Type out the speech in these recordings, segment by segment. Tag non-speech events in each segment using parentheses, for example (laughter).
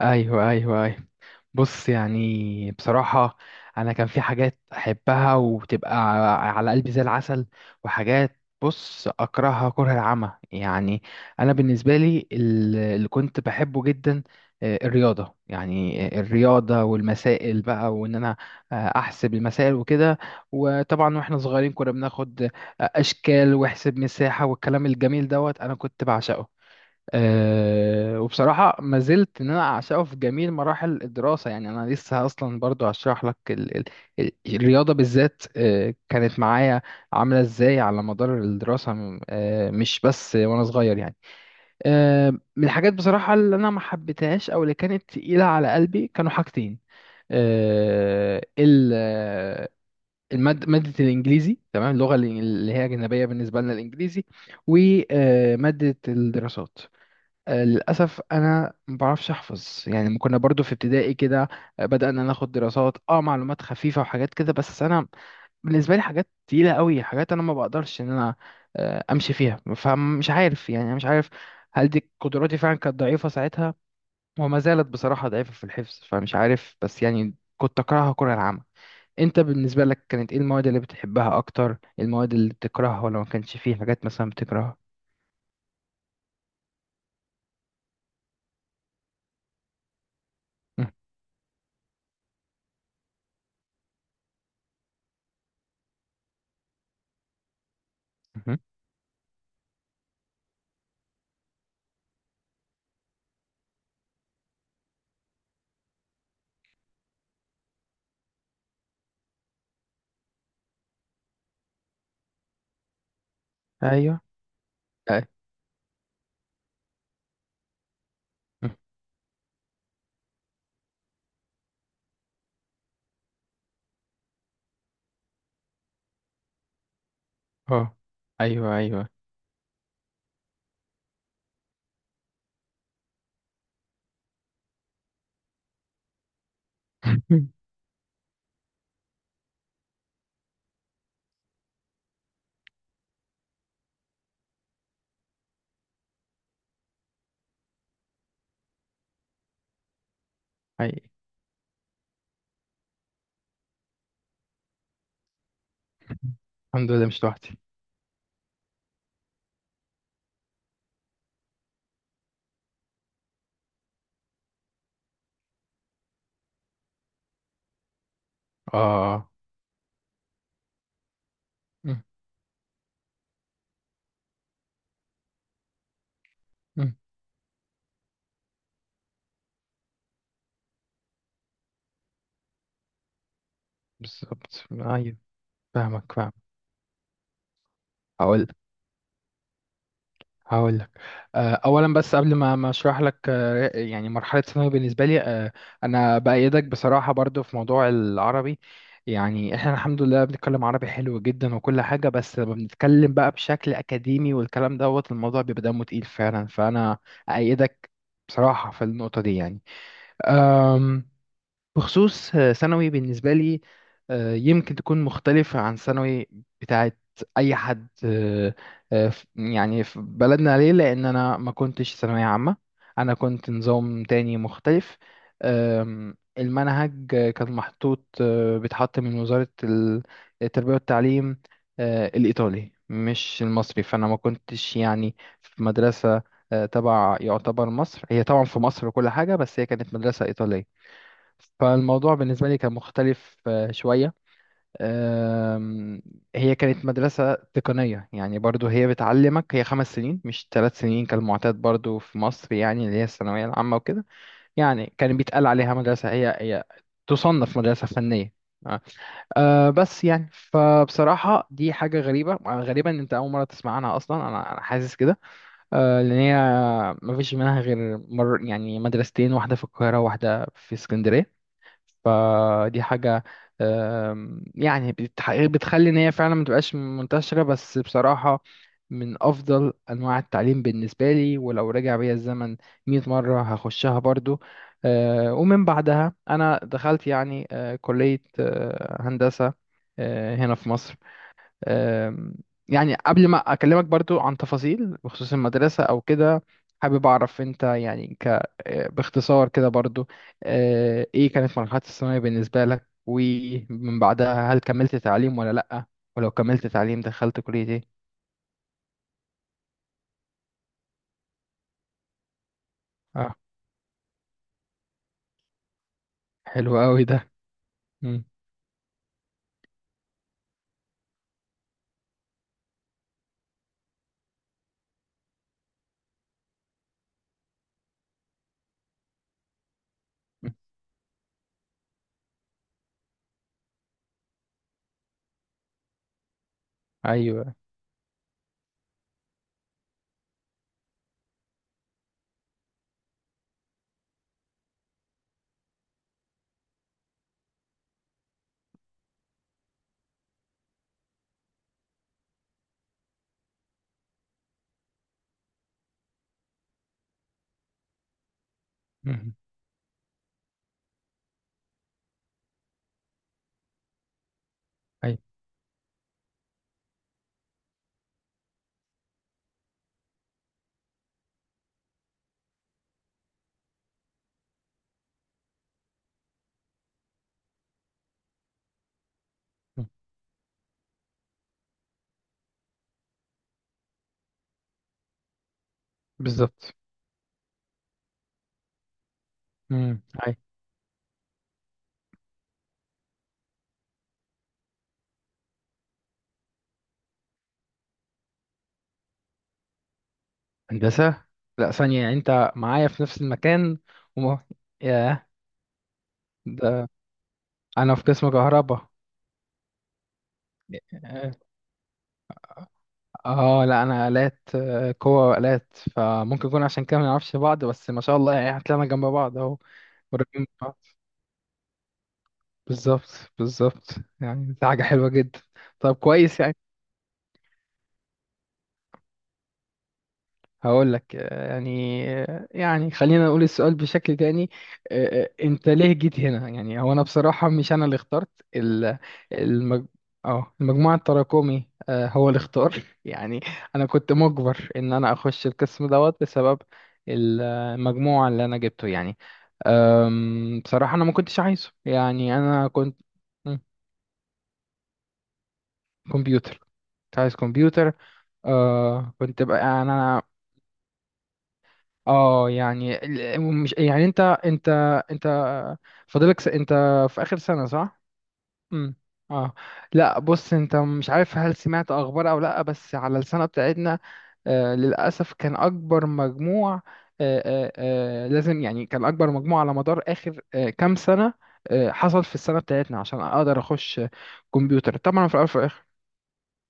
ايوه، ايوه، ايوه. بص، يعني بصراحة، انا كان في حاجات احبها وتبقى على قلبي زي العسل، وحاجات بص اكرهها كره العمى يعني. انا بالنسبة لي اللي كنت بحبه جدا، الرياضة، يعني الرياضة والمسائل بقى وان انا احسب المسائل وكده. وطبعا واحنا صغيرين كنا بناخد اشكال واحسب مساحة والكلام الجميل دوت، انا كنت بعشقه. وبصراحة ما زلت إن أنا أعشقه في جميع مراحل الدراسة. يعني أنا لسه أصلا برضو هشرح لك ال الرياضة بالذات كانت معايا عاملة إزاي على مدار الدراسة، م- أه مش بس وأنا صغير يعني. أه من الحاجات بصراحة اللي أنا ما حبيتهاش أو اللي كانت تقيلة على قلبي كانوا حاجتين. أه ال آه، المادة، مادة الإنجليزي، تمام، اللغة اللي هي أجنبية بالنسبة لنا الإنجليزي، ومادة الدراسات. للأسف أنا ما بعرفش أحفظ. يعني ما كنا برضو في ابتدائي كده بدأنا ناخد دراسات، معلومات خفيفة وحاجات كده، بس أنا بالنسبة لي حاجات تقيلة قوي. حاجات أنا ما بقدرش إن أنا أمشي فيها، فمش عارف يعني. أنا مش عارف هل دي قدراتي فعلا كانت ضعيفة ساعتها وما زالت بصراحة ضعيفة في الحفظ، فمش عارف، بس يعني كنت أكرهها كره العامة. أنت بالنسبة لك كانت إيه المواد اللي بتحبها أكتر، المواد اللي بتكرهها، ولا ما كانش فيه حاجات مثلا بتكرهها؟ مهم. أيوه، أيوه، اه، ايوه، ايوه. (laughs) اي. الحمد لله مش لوحدي. اه. مم. مم. بالظبط، ايوه. فاهمك فاهمك. هقول هقول لك اولا، بس قبل ما اشرح لك يعني مرحله ثانوي بالنسبه لي، انا بايدك بصراحه برضو في موضوع العربي. يعني احنا الحمد لله بنتكلم عربي حلو جدا وكل حاجه، بس لما بنتكلم بقى بشكل اكاديمي والكلام دوت، الموضوع بيبقى دمه تقيل فعلا. فانا ايدك بصراحه في النقطه دي. يعني بخصوص ثانوي بالنسبة لي، يمكن تكون مختلفة عن ثانوي بتاعت أي حد. يعني في بلدنا، ليه، لأن أنا ما كنتش ثانوية عامة. أنا كنت نظام تاني مختلف. المنهج كان محطوط، بيتحط من وزارة التربية والتعليم الإيطالي، مش المصري. فأنا ما كنتش يعني في مدرسة تبع، يعتبر مصر، هي طبعا في مصر وكل حاجة، بس هي كانت مدرسة إيطالية. فالموضوع بالنسبة لي كان مختلف شوية. آم، هي كانت مدرسة تقنية، يعني برضو هي بتعلمك، هي 5 سنين مش 3 سنين كالمعتاد برضو في مصر، يعني اللي هي الثانوية العامة وكده. يعني كان بيتقال عليها مدرسة هي تصنف مدرسة فنية. آه، بس يعني فبصراحة دي حاجة غريبة، غريبة إن أنت أول مرة تسمع عنها أصلا. أنا حاسس كده لأن هي مفيش منها غير يعني مدرستين، واحدة في القاهرة وواحدة في اسكندرية. فدي حاجة يعني بتخلي إن هي فعلا متبقاش منتشرة. بس بصراحة من أفضل أنواع التعليم بالنسبة لي، ولو رجع بيا الزمن 100 مرة هخشها برضو. ومن بعدها أنا دخلت يعني كلية هندسة هنا في مصر. آم، يعني قبل ما أكلمك برضو عن تفاصيل بخصوص المدرسة أو كده، حابب أعرف أنت يعني ك آه، باختصار كده برضو، إيه كانت مرحلة الثانوية بالنسبة لك، ومن بعدها هل كملت تعليم ولا لأ؟ ولو كملت تعليم دخلت كلية إيه؟ آه حلو أوي ده. مم. مم. أيوه. مم. أيوه. مم. بالظبط. مم. أيوه. هندسة. لأ، ثانية. يعني أنت معايا في نفس المكان. وما ياه ده. أنا في قسم كهرباء. اه لا، انا آلات، قوة وآلات. فممكن يكون عشان كده ما نعرفش بعض، بس ما شاء الله يعني هتلاقينا جنب بعض اهو. قريبين من بعض. بالظبط بالظبط. يعني دي حاجة حلوة جدا. طب كويس. هقول لك يعني خلينا نقول السؤال بشكل تاني. انت ليه جيت هنا؟ يعني هو انا بصراحة مش انا اللي اخترت. ال- المج... اه المجموعة التراكمي هو اللي اختار (laughs) يعني. انا كنت مجبر ان انا اخش القسم دوت بسبب المجموعة اللي انا جبته يعني. بصراحة انا ما كنتش عايزه. يعني انا كنت مم، كمبيوتر. كنت عايز كمبيوتر. كنت بقى يعني انا اه يعني مش يعني انت انت انت في اخر سنة، صح؟ امم. اه. لا بص، انت مش عارف هل سمعت اخبار او لا، بس على السنة بتاعتنا للاسف كان اكبر مجموع. آه لازم، يعني كان اكبر مجموع على مدار اخر كام سنة حصل في السنة بتاعتنا، عشان اقدر اخش كمبيوتر، طبعا في الاول وفي الاخر.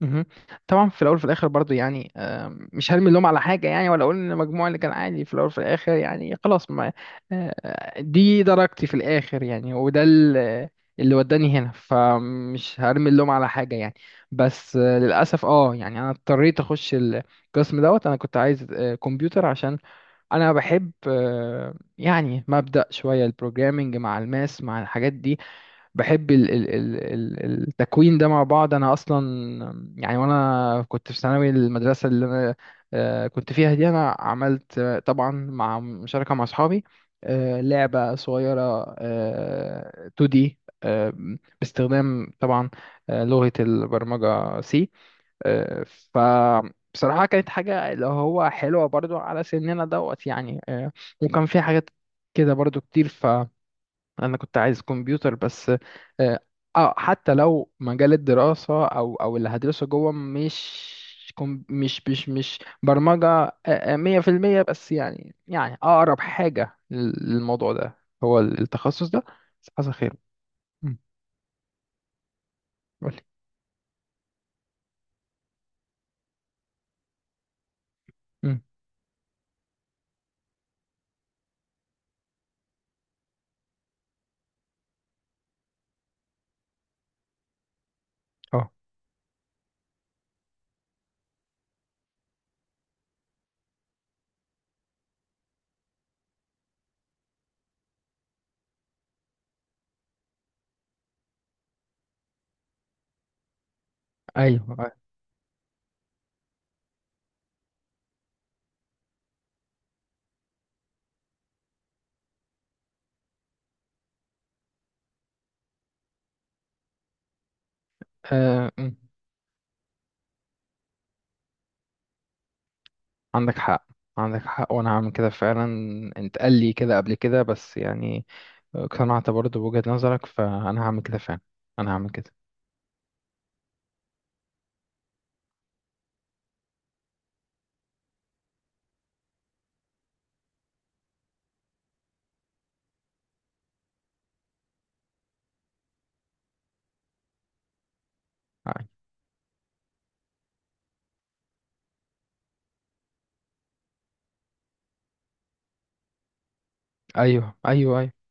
مهم. طبعا في الاول وفي الاخر برضو يعني، مش هرمي اللوم على حاجه، يعني ولا اقول ان المجموع اللي كان عالي في الاول وفي الاخر يعني خلاص. ما دي درجتي في الاخر، يعني وده اللي وداني هنا، فمش هرمي اللوم على حاجه يعني. بس للاسف، يعني انا اضطريت اخش القسم دوت. انا كنت عايز كمبيوتر، عشان انا بحب يعني مبدأ شويه البروجرامينج مع الماس مع الحاجات دي. بحب التكوين ده مع بعض. انا اصلا يعني وانا كنت في ثانوي، المدرسه اللي انا كنت فيها دي، انا عملت طبعا مع مشاركه مع اصحابي لعبه صغيره 2D باستخدام طبعا لغه البرمجه سي. آه، فبصراحه كانت حاجه اللي هو حلوه برضو على سننا دوت يعني. وكان في حاجات كده برضو كتير. انا كنت عايز كمبيوتر بس. آه حتى لو مجال الدراسة او اللي هدرسه جوه مش كم مش مش مش برمجة 100%، بس يعني اقرب حاجة للموضوع ده هو التخصص ده. بس حصل خير. مم، قولي. مم. اه. ايوه. آه. مم. عندك حق، عندك حق. وانا هعمل كده فعلا. انت قال لي كده قبل كده، بس يعني اقتنعت برضه بوجهة نظرك، فانا هعمل كده فعلا. انا هعمل كده. ايوه، ايوه، أيوه.